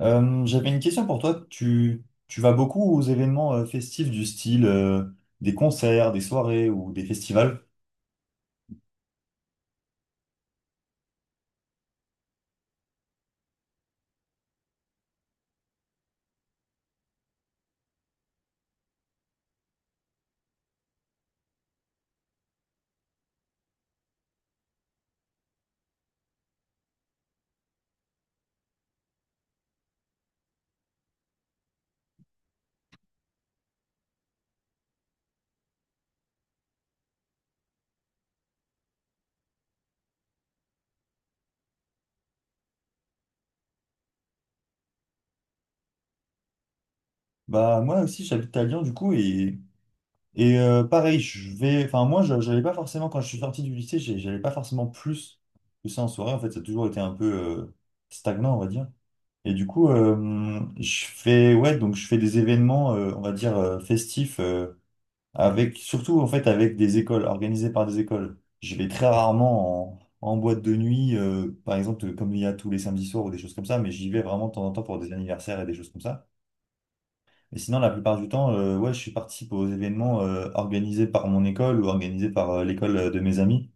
J'avais une question pour toi. Tu vas beaucoup aux événements festifs du style des concerts, des soirées ou des festivals? Bah moi aussi j'habite à Lyon du coup. Et pareil, je vais, enfin moi, je j'allais pas forcément quand je suis sorti du lycée, j'allais pas forcément plus que ça en soirée. En fait, ça a toujours été un peu euh, stagnant, on va dire. Et du coup, je fais, ouais, donc je fais des événements, on va dire festifs, avec surtout en fait avec des écoles, organisés par des écoles. Je vais très rarement en boîte de nuit, par exemple, comme il y a tous les samedis soirs ou des choses comme ça, mais j'y vais vraiment de temps en temps pour des anniversaires et des choses comme ça. Et sinon, la plupart du temps, ouais, je participe aux événements organisés par mon école ou organisés par l'école de mes amis.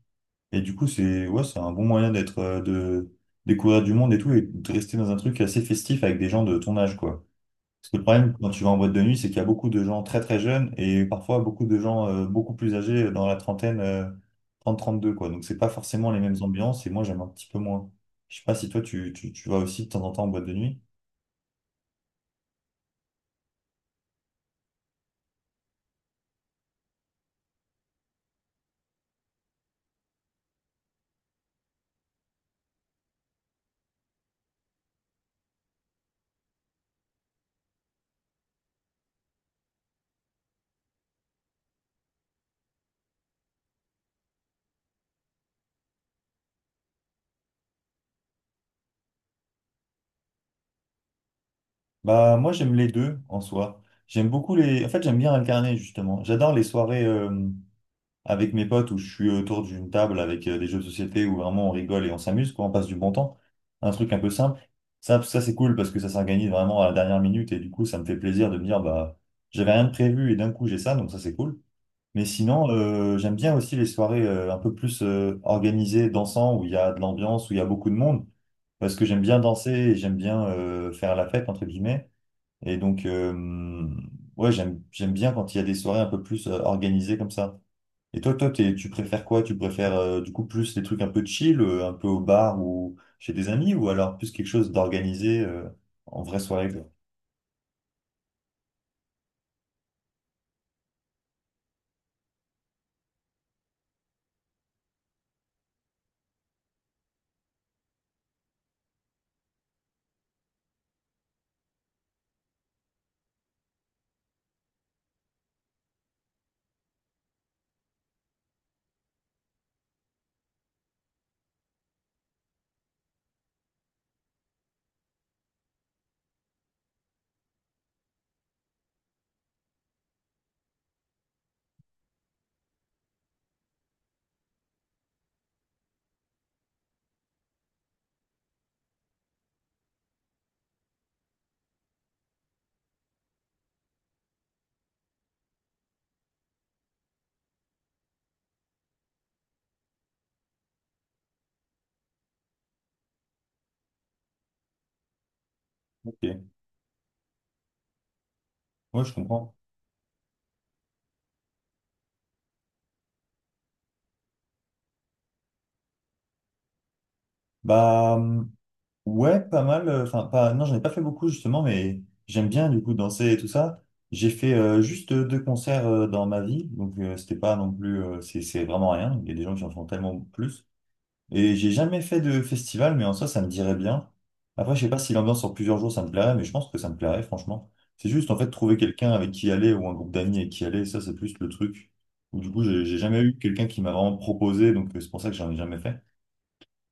Et du coup, c'est ouais, c'est un bon moyen d'être de découvrir du monde et tout et de rester dans un truc assez festif avec des gens de ton âge, quoi. Parce que le problème quand tu vas en boîte de nuit, c'est qu'il y a beaucoup de gens très très jeunes et parfois beaucoup de gens beaucoup plus âgés dans la trentaine, trente deux quoi. Donc c'est pas forcément les mêmes ambiances et moi j'aime un petit peu moins. Je sais pas si toi tu vas aussi de temps en temps en boîte de nuit. Bah, moi, j'aime les deux en soi. J'aime beaucoup les. En fait, j'aime bien alterner, justement. J'adore les soirées avec mes potes où je suis autour d'une table avec des jeux de société où vraiment on rigole et on s'amuse, quoi, on passe du bon temps. Un truc un peu simple. Ça c'est cool parce que ça s'organise vraiment à la dernière minute et du coup, ça me fait plaisir de me dire, bah, j'avais rien de prévu et d'un coup, j'ai ça, donc ça, c'est cool. Mais sinon, j'aime bien aussi les soirées un peu plus organisées, dansant, où il y a de l'ambiance, où il y a beaucoup de monde, parce que j'aime bien danser et j'aime bien faire la fête, entre guillemets. Et donc, ouais, j'aime bien quand il y a des soirées un peu plus organisées comme ça. Et tu préfères quoi? Tu préfères du coup plus les trucs un peu chill, un peu au bar ou chez des amis, ou alors plus quelque chose d'organisé en vraie soirée, quoi. Ok, ouais, je comprends. Bah, ouais, pas mal. Enfin, pas, non, j'en ai pas fait beaucoup justement, mais j'aime bien du coup danser et tout ça. J'ai fait juste deux concerts dans ma vie, donc c'était pas non plus, c'est vraiment rien. Il y a des gens qui en font tellement plus. Et j'ai jamais fait de festival, mais en soi, ça me dirait bien. Après, je sais pas si l'ambiance sur plusieurs jours, ça me plairait, mais je pense que ça me plairait, franchement. C'est juste, en fait, trouver quelqu'un avec qui aller ou un groupe d'amis avec qui aller, ça, c'est plus le truc. Ou du coup, j'ai jamais eu quelqu'un qui m'a vraiment proposé, donc c'est pour ça que j'en ai jamais fait.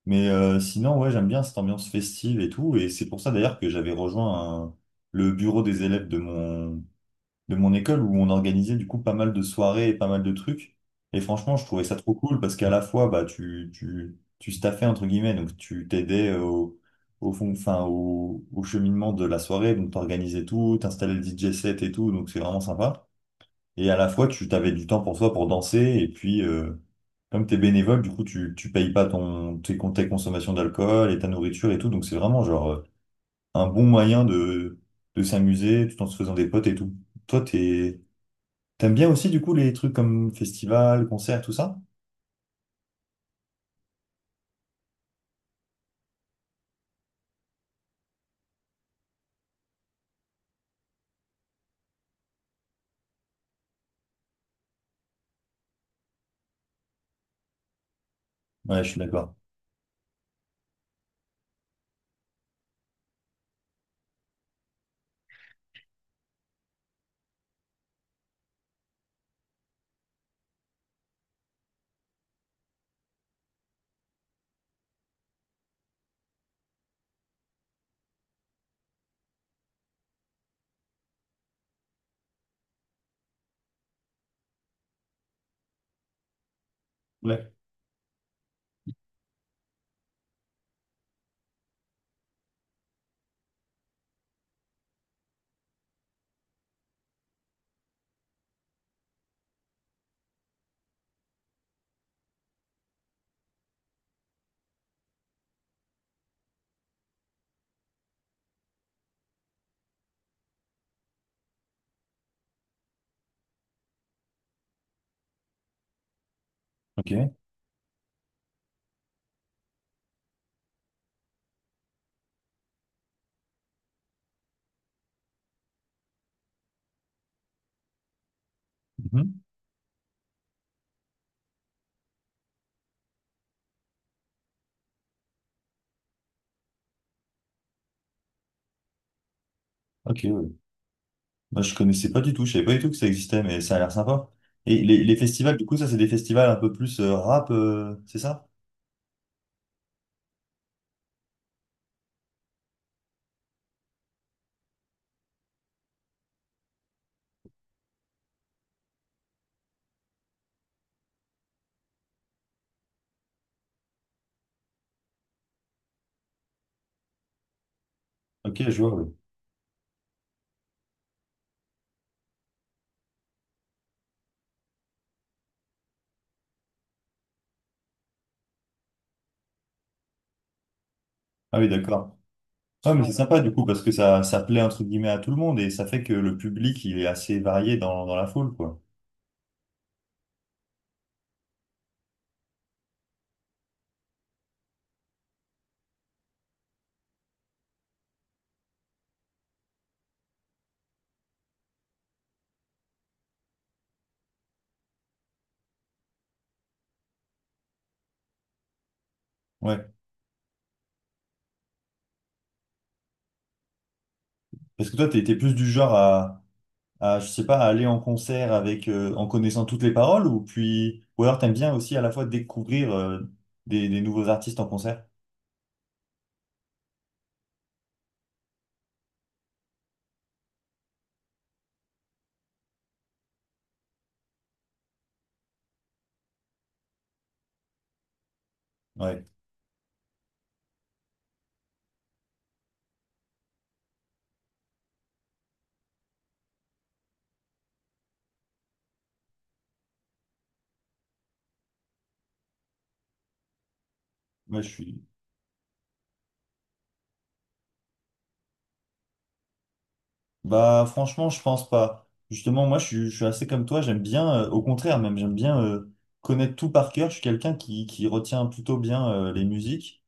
Mais sinon, ouais, j'aime bien cette ambiance festive et tout. Et c'est pour ça, d'ailleurs, que j'avais rejoint le bureau des élèves de mon école où on organisait du coup pas mal de soirées et pas mal de trucs. Et franchement, je trouvais ça trop cool parce qu'à la fois, bah, tu staffais entre guillemets, donc tu t'aidais au fond, enfin, au cheminement de la soirée, donc t'organisais tout, t'installais le DJ set et tout, donc c'est vraiment sympa. Et à la fois, tu t'avais du temps pour toi pour danser et puis, comme t'es bénévole, du coup, tu payes pas tes consommations d'alcool et ta nourriture et tout, donc c'est vraiment genre un bon moyen de s'amuser tout en se faisant des potes et tout. Toi, t'es, T'aimes bien aussi, du coup, les trucs comme festival, concert, tout ça? Ouais, je suis d'accord. Ouais. Ok. Mhm. Ok, ouais. Moi, je connaissais pas du tout. Je savais pas du tout que ça existait, mais ça a l'air sympa. Et les festivals, du coup, ça, c'est des festivals un peu plus rap, c'est ça? Ok, je vois, oui. Ah oui, d'accord. Ouais, mais c'est sympa, du coup, parce que ça plaît, entre guillemets, à tout le monde et ça fait que le public, il est assez varié dans la foule, quoi. Ouais. Parce que toi, t'es plus du genre à je sais pas, à aller en concert avec, en connaissant toutes les paroles ou puis, ou alors t'aimes bien aussi à la fois découvrir, des nouveaux artistes en concert? Ouais, moi je suis. Bah franchement, je pense pas. Justement, je suis assez comme toi, j'aime bien, au contraire même, j'aime bien connaître tout par cœur. Je suis quelqu'un qui retient plutôt bien les musiques.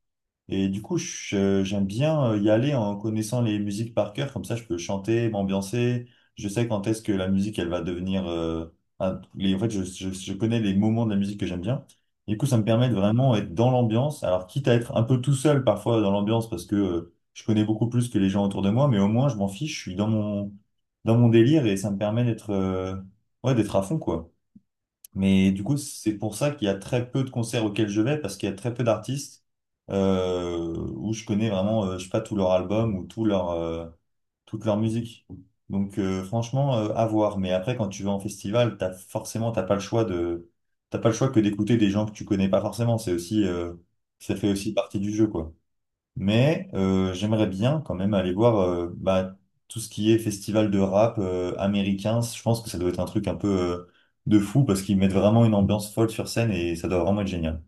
Et du coup, j'aime bien y aller en connaissant les musiques par cœur, comme ça je peux chanter, m'ambiancer. Je sais quand est-ce que la musique, elle va devenir... un- les, en fait, je connais les moments de la musique que j'aime bien. Du coup, ça me permet de vraiment être dans l'ambiance. Alors, quitte à être un peu tout seul parfois dans l'ambiance, parce que je connais beaucoup plus que les gens autour de moi, mais au moins, je m'en fiche, je suis dans dans mon délire et ça me permet d'être ouais, d'être à fond, quoi. Mais du coup, c'est pour ça qu'il y a très peu de concerts auxquels je vais, parce qu'il y a très peu d'artistes où je connais vraiment, je sais pas, tout leur album ou tout leur toute leur musique. Donc franchement, à voir. Mais après, quand tu vas en festival, t'as forcément, t'as pas le choix que d'écouter des gens que tu connais pas forcément. C'est aussi, ça fait aussi partie du jeu, quoi. Mais j'aimerais bien quand même aller voir bah, tout ce qui est festival de rap américain. Je pense que ça doit être un truc un peu de fou parce qu'ils mettent vraiment une ambiance folle sur scène et ça doit vraiment être génial.